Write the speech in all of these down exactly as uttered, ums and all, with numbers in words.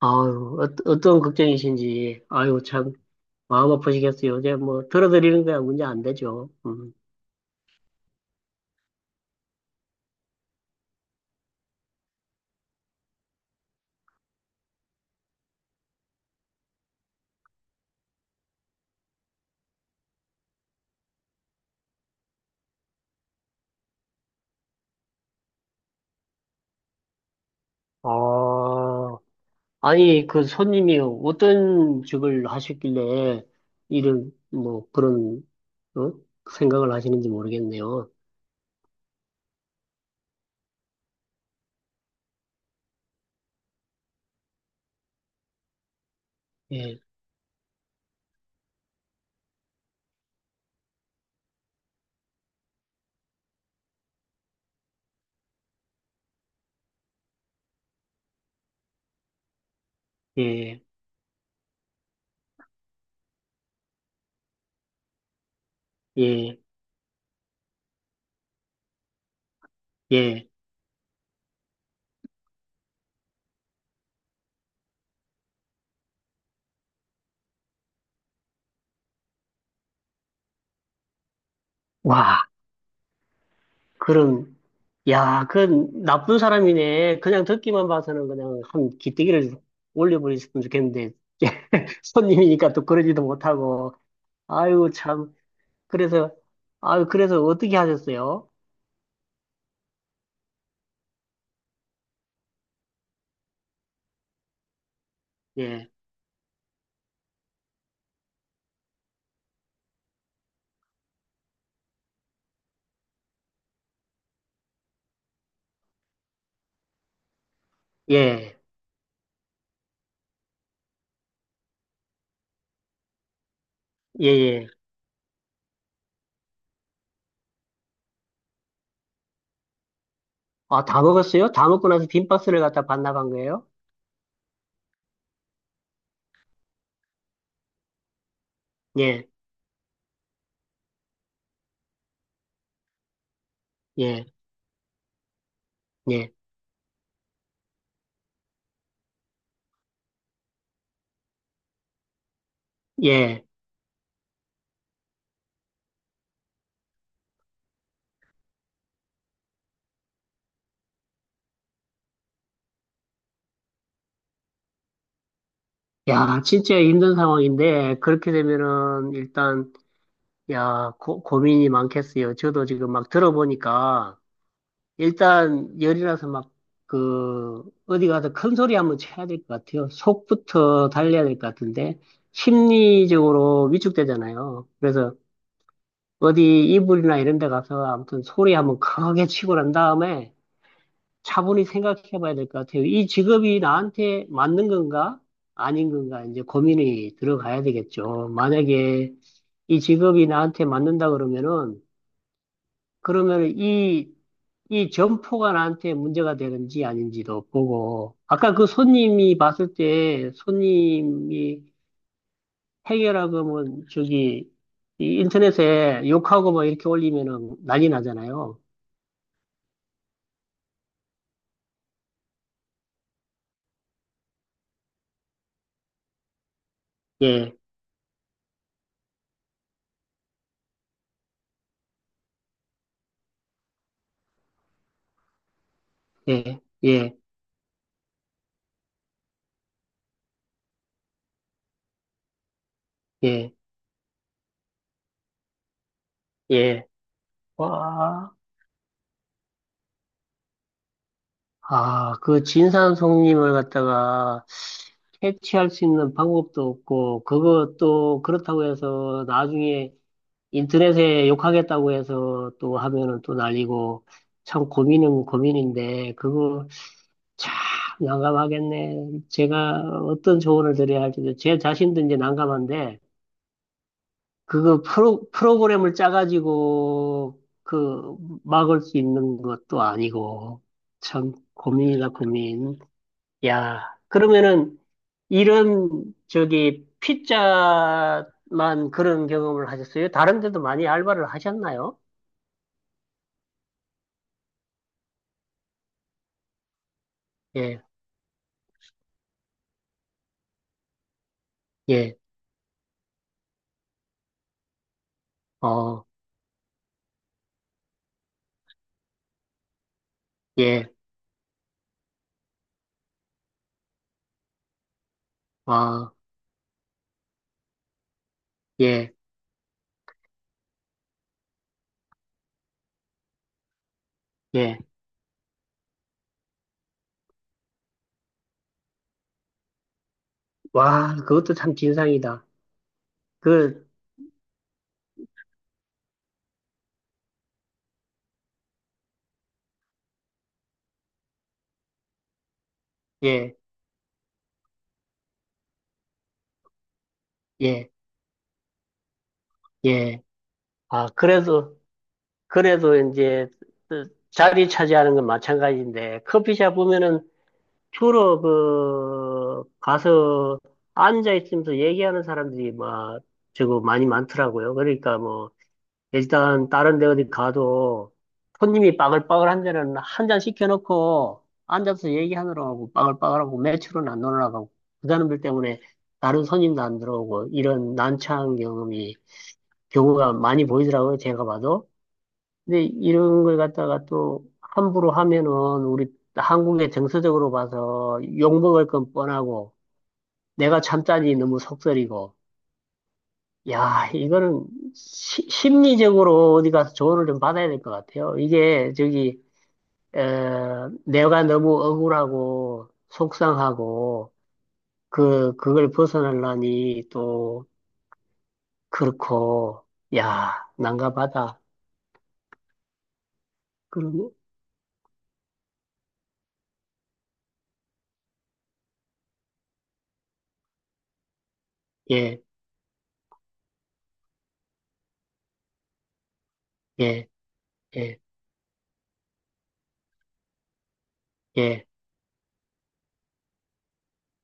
아유, 어, 어떤 걱정이신지, 아유, 참, 마음 아프시겠어요. 이제 뭐, 들어드리는 거야, 문제 안 되죠. 음. 아, 아니, 그 손님이 어떤 직을 하셨길래, 이런, 뭐, 그런, 어? 생각을 하시는지 모르겠네요. 예, 예, 예, 예. 와, 그런, 야, 그건 나쁜 사람이네. 그냥 듣기만 봐서는 그냥 한 기대기를 올려버렸으면 좋겠는데, 손님이니까 또 그러지도 못하고. 아유, 참. 그래서, 아유, 그래서 어떻게 하셨어요? 예, 예, 예, 예. 아, 다 먹었어요? 다 먹고 나서 빈박스를 갖다 반납한 거예요? 예, 예, 예, 예. 야, 진짜 힘든 상황인데, 그렇게 되면은, 일단, 야, 고, 고민이 많겠어요. 저도 지금 막 들어보니까, 일단, 열이 나서 막, 그, 어디 가서 큰 소리 한번 쳐야 될 것 같아요. 속부터 달려야 될 것 같은데, 심리적으로 위축되잖아요. 그래서, 어디 이불이나 이런 데 가서 아무튼 소리 한번 크게 치고 난 다음에 차분히 생각해 봐야 될 것 같아요. 이 직업이 나한테 맞는 건가? 아닌 건가? 이제 고민이 들어가야 되겠죠. 만약에 이 직업이 나한테 맞는다 그러면은, 그러면 이, 이 점포가 나한테 문제가 되는지 아닌지도 보고, 아까 그 손님이 봤을 때 손님이 해결하고 뭐 저기, 이 인터넷에 욕하고 뭐 이렇게 올리면은 난리 나잖아요. 예, 예, 예, 예, 예. 와, 아, 그 진산송님을 갖다가 캐치할 수 있는 방법도 없고, 그것도 그렇다고 해서 나중에 인터넷에 욕하겠다고 해서 또 하면은 또 난리고, 참 고민은 고민인데, 그거 참 난감하겠네. 제가 어떤 조언을 드려야 할지, 제 자신도 이제 난감한데, 그거 프로, 프로그램을 짜가지고 그 막을 수 있는 것도 아니고 참 고민이다 고민. 야, 그러면은 이런 저기 피자만 그런 경험을 하셨어요? 다른 데도 많이 알바를 하셨나요? 예, 예, 어, 예, 아, 예, 예. 와, 그것도 참 진상이다. 그, 예, 예, 예. 아, 그래도 그래도 이제 그 자리 차지하는 건 마찬가지인데 커피숍 보면은 주로 그 가서 앉아 있으면서 얘기하는 사람들이 막 저거 많이 많더라고요. 그러니까 뭐 일단 다른 데 어디 가도 손님이 빠글빠글 한 데는 한 잔 시켜놓고 앉아서 얘기하느라고 하고 빠글빠글하고 매출은 안 올라가고 그 사람들 때문에 다른 손님도 안 들어오고 이런 난처한 경험이 경우가 많이 보이더라고요. 제가 봐도. 근데 이런 걸 갖다가 또 함부로 하면은 우리 한국의 정서적으로 봐서 욕먹을 건 뻔하고 내가 참자니 너무 속설이고 야 이거는 시- 심리적으로 어디 가서 조언을 좀 받아야 될 것 같아요. 이게 저기 어, 내가 너무 억울하고 속상하고 그 그걸 벗어나려니 또 그렇고 야 난감하다. 그러면 예 예, 예, 예,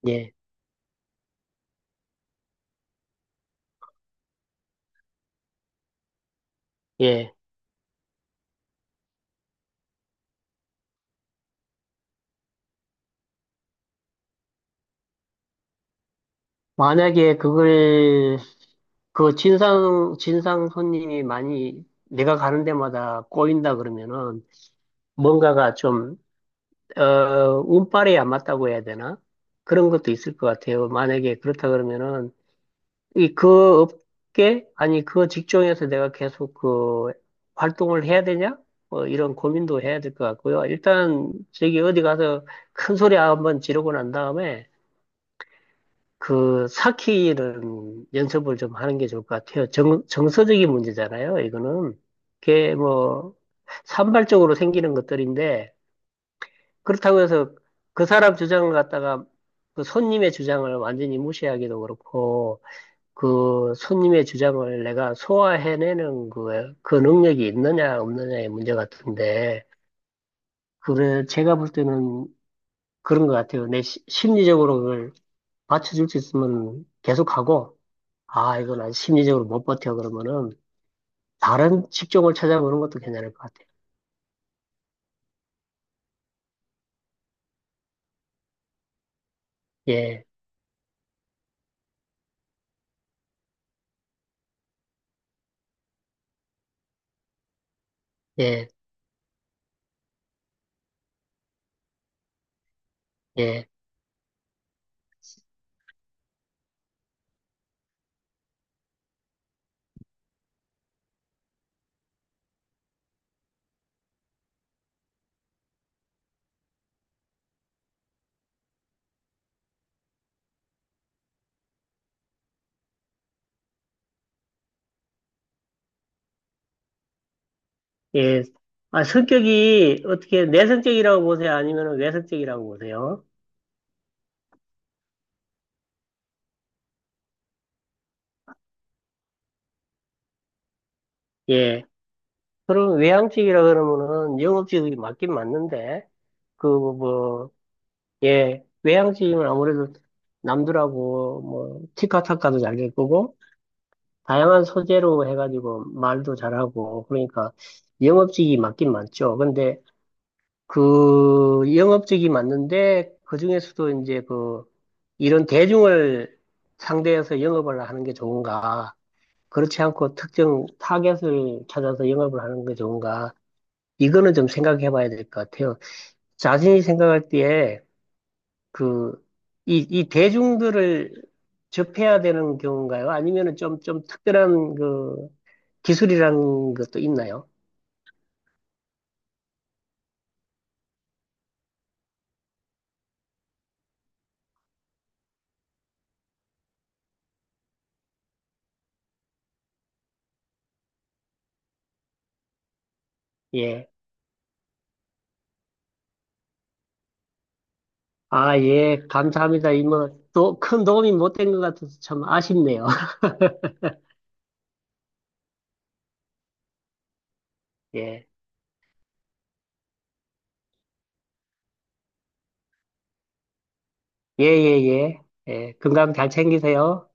예, 예. 만약에 그걸 그 진상 진상 손님이 많이 내가 가는 데마다 꼬인다 그러면은 뭔가가 좀 어, 운빨에 안 맞다고 해야 되나? 그런 것도 있을 것 같아요. 만약에 그렇다 그러면은 이 그 업계 아니 그 직종에서 내가 계속 그 활동을 해야 되냐? 뭐 이런 고민도 해야 될 것 같고요. 일단 저기 어디 가서 큰 소리 한번 지르고 난 다음에 그 사키는 연습을 좀 하는 게 좋을 것 같아요. 정, 정서적인 문제잖아요. 이거는 그게 뭐 산발적으로 생기는 것들인데 그렇다고 해서 그 사람 주장을 갖다가 그 손님의 주장을 완전히 무시하기도 그렇고 그 손님의 주장을 내가 소화해내는 그, 그 능력이 있느냐 없느냐의 문제 같은데 그래 제가 볼 때는 그런 것 같아요. 내 시- 심리적으로 그걸 받쳐줄 수 있으면 계속하고 아, 이건 아주 심리적으로 못 버텨. 그러면은 다른 직종을 찾아보는 것도 괜찮을 것 같아요. 예, 예, 예, 예. 아, 성격이 어떻게 내성적이라고 보세요? 아니면 외성적이라고 보세요? 예. 그럼 외향적이라 그러면은 영업직이 맞긴 맞는데 그 뭐, 예, 외향적이면 아무래도 남들하고 뭐 티카타카도 잘 될 거고 다양한 소재로 해가지고 말도 잘하고 그러니까 영업직이 맞긴 맞죠. 근데 그 영업직이 맞는데 그중에서도 이제 그 이런 대중을 상대해서 영업을 하는 게 좋은가? 그렇지 않고 특정 타겟을 찾아서 영업을 하는 게 좋은가? 이거는 좀 생각해 봐야 될 것 같아요. 자신이 생각할 때에 그 이, 이 대중들을 접해야 되는 경우인가요? 아니면은 좀, 좀 특별한 그 기술이라는 것도 있나요? 예. 아, 예, 감사합니다. 이모, 또 큰 도움이 못된 것 같아서 참 아쉽네요. 예, 예, 예, 예. 예, 건강 잘 챙기세요.